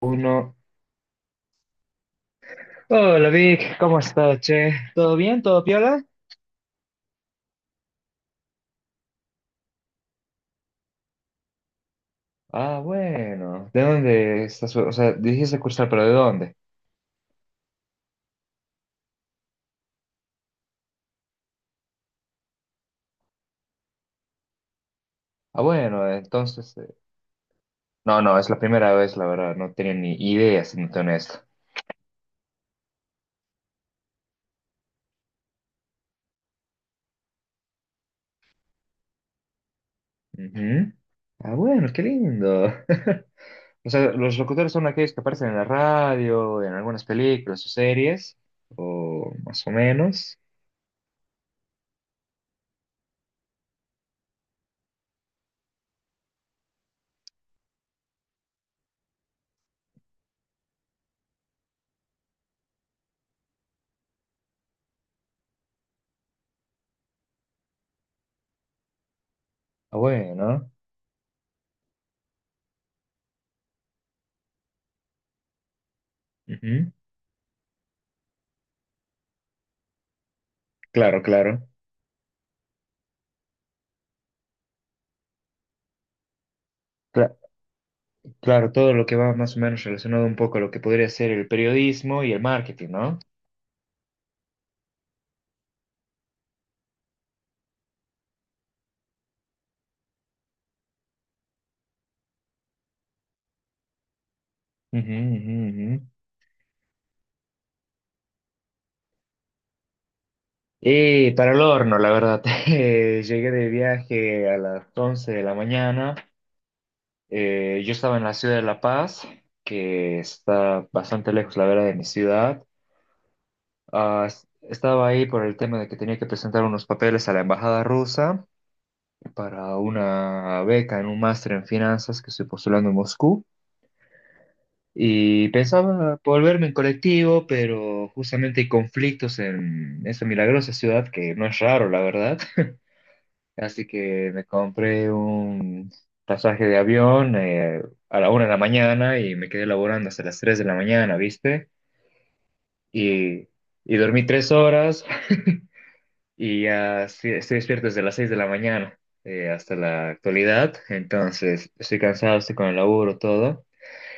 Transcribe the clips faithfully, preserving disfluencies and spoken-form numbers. Uno. Hola Vic, ¿cómo estás, che? ¿Todo bien? ¿Todo piola? Ah, bueno. ¿De dónde estás? O sea, dijiste cursar, pero ¿de dónde? Ah, bueno, entonces... eh, No, no, es la primera vez, la verdad. No tenía ni idea, siéndote honesto. Ujú. Ah, bueno, qué lindo. O sea, ¿los locutores son aquellos que aparecen en la radio, en algunas películas o series? O más o menos. Ah, bueno. Ujú. Claro, claro. Claro, todo lo que va más o menos relacionado un poco a lo que podría ser el periodismo y el marketing, ¿no? Ujú, ujú, ujú. Y para el horno, la verdad, eh, llegué de viaje a las once de la mañana. Eh, yo estaba en la ciudad de La Paz, que está bastante lejos, la verdad, de mi ciudad. Ah, es- estaba ahí por el tema de que tenía que presentar unos papeles a la embajada rusa para una beca en un máster en finanzas que estoy postulando en Moscú. Y pensaba volverme en colectivo, pero justamente hay conflictos en esa milagrosa ciudad que no es raro, la verdad. Así que me compré un pasaje de avión eh, a la una de la mañana y me quedé laborando hasta las tres de la mañana, ¿viste? Y, y dormí tres horas y ya sí- estoy despierto desde las seis de la mañana eh, hasta la actualidad. Entonces estoy cansado, estoy con el laburo, todo.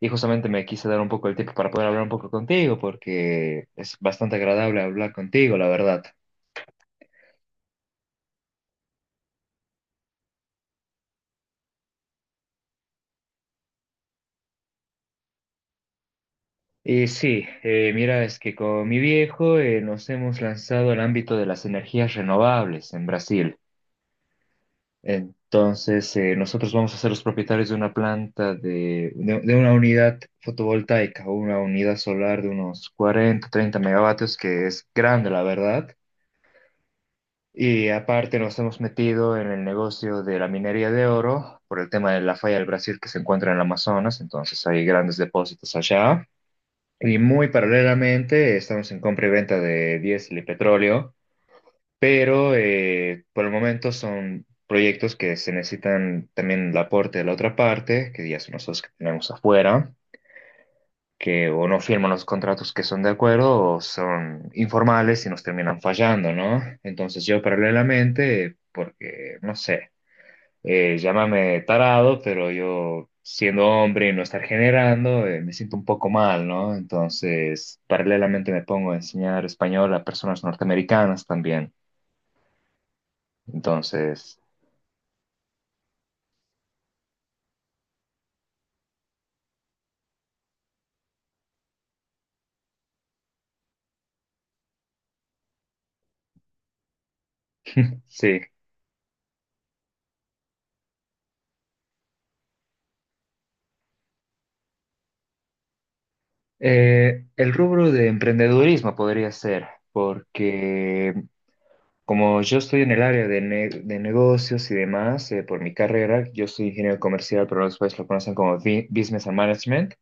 Y justamente me quise dar un poco el tiempo para poder hablar un poco contigo, porque es bastante agradable hablar contigo, la verdad. Y sí, eh, mira, es que con mi viejo eh, nos hemos lanzado al ámbito de las energías renovables en Brasil. Entonces, eh, nosotros vamos a ser los propietarios de una planta de, de- de una unidad fotovoltaica o una unidad solar de unos cuarenta treinta megavatios, que es grande, la verdad. Y aparte nos hemos metido en el negocio de la minería de oro por el tema de la falla del Brasil que se encuentra en el Amazonas, entonces hay grandes depósitos allá. Y muy paralelamente estamos en compra y venta de diésel y petróleo, pero eh, por el momento son proyectos que se necesitan también el aporte de la otra parte, que ya son los dos que tenemos afuera que o no firman los contratos que son de acuerdo o son informales y nos terminan fallando, ¿no? Entonces yo paralelamente, porque, no sé, eh, llámame tarado, pero yo siendo hombre y no estar generando, eh, me siento un poco mal, ¿no? Entonces paralelamente me pongo a enseñar español a personas norteamericanas también. Entonces, sí. Eh, el rubro de emprendedurismo podría ser, porque como yo estoy en el área de, ne- de negocios y demás, eh, por mi carrera, yo soy ingeniero comercial, pero los países lo conocen como bi- Business and Management.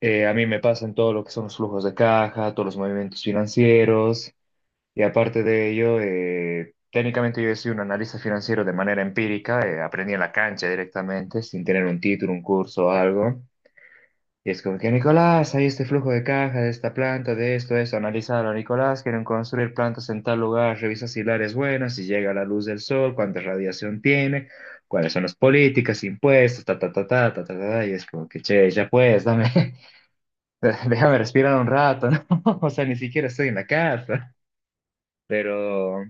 Eh, a mí me pasan todo lo que son los flujos de caja, todos los movimientos financieros, y aparte de ello, eh, técnicamente yo soy un analista financiero de manera empírica, eh, aprendí en la cancha directamente, sin tener un título, un curso o algo. Y es como que, Nicolás, hay este flujo de caja de esta planta, de esto, de eso, analízalo, Nicolás, quieren construir plantas en tal lugar, revisa si el área es buena, si llega la luz del sol, cuánta radiación tiene, cuáles son las políticas, impuestos, ta, ta, ta, ta, ta, ta, ta, y es como que, che, ya pues, dame, déjame respirar un rato, ¿no? O sea, ni siquiera estoy en la casa, pero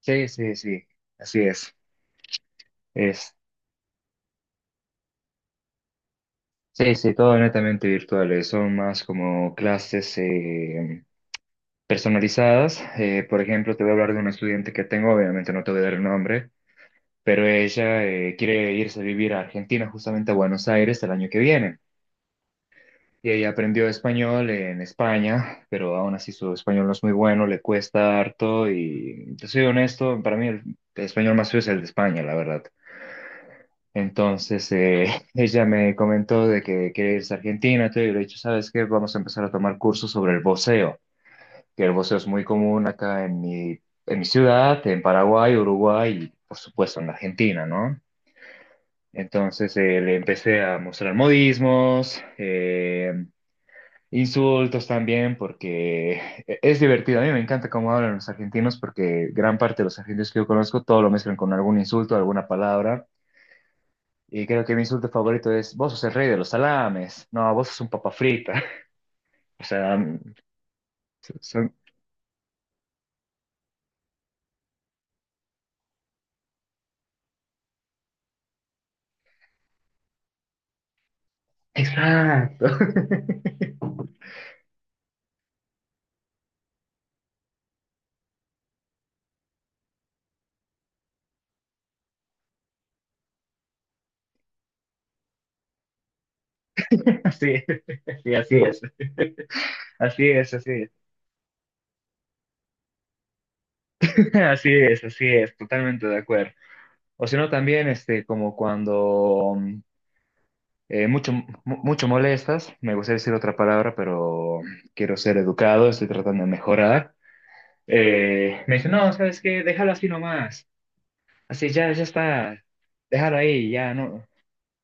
sí, sí, sí, así es, es, sí, sí, todo netamente virtual, eh, son más como clases, eh, personalizadas. Eh, por ejemplo, te voy a hablar de una estudiante que tengo, obviamente no te voy a dar el nombre, pero ella eh, quiere irse a vivir a Argentina, justamente a Buenos Aires, el año que viene. Y ella aprendió español en España, pero aún así su español no es muy bueno, le cuesta harto y te soy honesto, para mí el español más feo es el de España, la verdad. Entonces, eh, ella me comentó de que quiere irse a Argentina, todo, y yo le he dicho, ¿sabes qué? Vamos a empezar a tomar cursos sobre el voceo. Que el boxeo es muy común acá en mi, en mi ciudad, en Paraguay, Uruguay y por supuesto en Argentina, ¿no? Entonces eh, le empecé a mostrar modismos, eh, insultos también, porque e-, es divertido. A mí me encanta cómo hablan los argentinos, porque gran parte de los argentinos que yo conozco todo lo mezclan con algún insulto, alguna palabra. Y creo que mi insulto favorito es, vos sos el rey de los salames, no, vos sos un papa frita. O sea, son. Exacto. Sí, sí, así es, así es, así es, así es, así es, totalmente de acuerdo. O si no, también este, como cuando mm, eh, mucho, mu- mucho molestas, me gustaría decir otra palabra, pero quiero ser educado, estoy tratando de mejorar. Eh, me dice, no, ¿sabes qué? Déjalo así nomás, así ya, ya está, déjalo ahí, ya, no,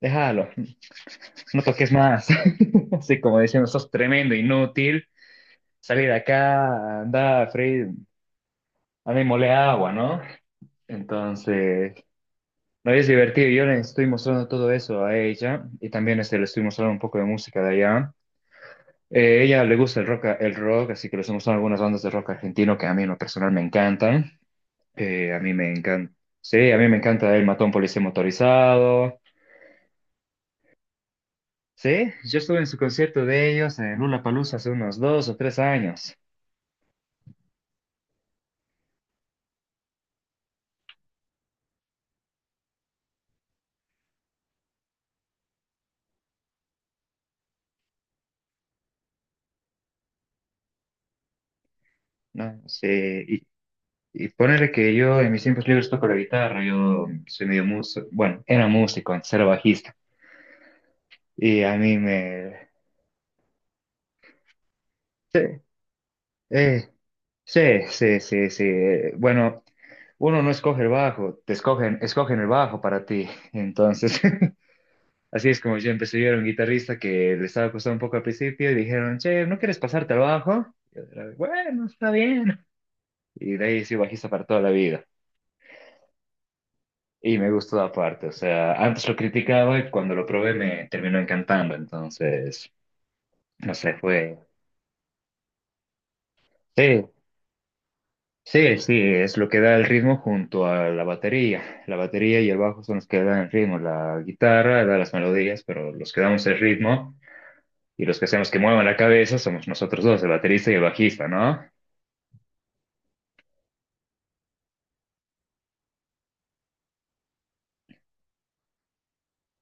déjalo, no toques más. Así como diciendo, sos tremendo, inútil, salí de acá, anda, Fred. A mí mole agua, ¿no? Entonces, no es divertido. Yo le estoy mostrando todo eso a ella y también este, le estoy mostrando un poco de música de allá. Eh, ella le gusta el rock, el rock, así que le estoy mostrando algunas bandas de rock argentino que a mí en lo personal me encantan. Eh, a mí me encanta. Sí, a mí me encanta El Matón Policía Motorizado. Sí, yo estuve en su concierto de ellos en Lollapalooza hace unos dos o tres años. ¿No? Sí, Y ponerle que yo en mis tiempos libres toco la guitarra, yo soy medio músico, bueno, era músico, antes era bajista. Y a mí me. Sí, eh, sí, sí, sí, sí. Bueno, uno no escoge el bajo, te escogen, escogen el bajo para ti. Entonces, así es como yo empecé. Yo era un guitarrista que le estaba costando un poco al principio y dijeron, che, ¿no quieres pasarte al bajo? Y yo era, bueno, está bien. Y de ahí soy bajista para toda la vida. Y me gustó aparte, o sea, antes lo criticaba y cuando lo probé me terminó encantando, entonces, no sé, fue. Sí, sí, sí, es lo que da el ritmo junto a la batería. La batería y el bajo son los que dan el ritmo, la guitarra da las melodías, pero los que damos el ritmo y los que hacemos que muevan la cabeza somos nosotros dos, el baterista y el bajista, ¿no?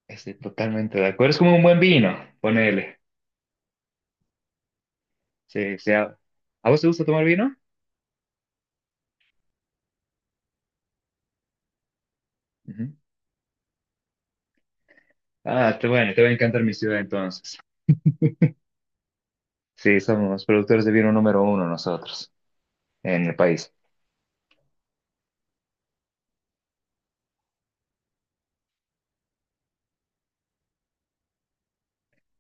Estoy totalmente de acuerdo, es como un buen vino, ponele. Sí, sí, ¿a, a vos te gusta tomar vino? Ujú. Ah, te, bueno, te va a encantar mi ciudad entonces. Sí, somos productores de vino número uno nosotros en el país.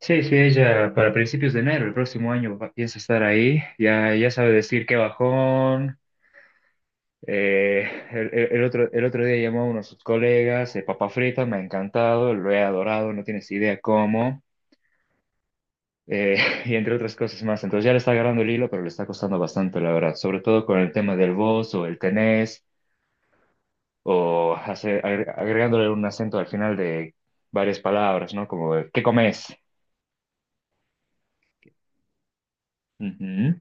Sí, sí, ella para principios de enero, el próximo año va- piensa estar ahí. Ya, ya sabe decir qué bajón. Eh, el, el- el otro, el otro día llamó a uno de sus colegas, eh, papa frita, me ha encantado, lo he adorado, no tienes idea cómo. eh, y entre otras cosas más. Entonces ya le está agarrando el hilo, pero le está costando bastante, la verdad. Sobre todo con el tema del vos o el tenés, o hacer- agre- agregándole un acento al final de varias palabras, ¿no? Como, ¿qué comes? Ujú.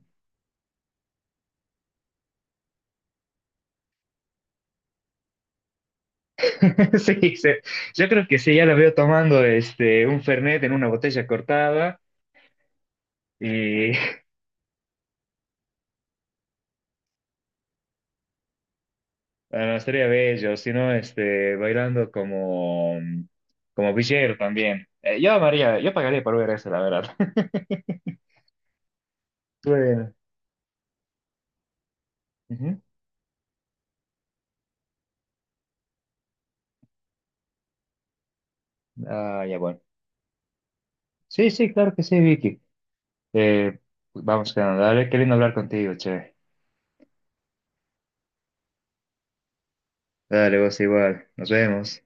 Sí, sí. Yo creo que sí, ya la veo tomando este un fernet en una botella cortada y bueno, estaría bello, si no, este, bailando como, como, villero también. Eh, yo amaría, yo pagaría por ver eso, la verdad. Bueno. Ujú. Ah, ya bueno. Sí, sí, claro que sí, Vicky. Eh, vamos quedando, dale, qué lindo hablar contigo, che. Dale, vos igual, nos vemos.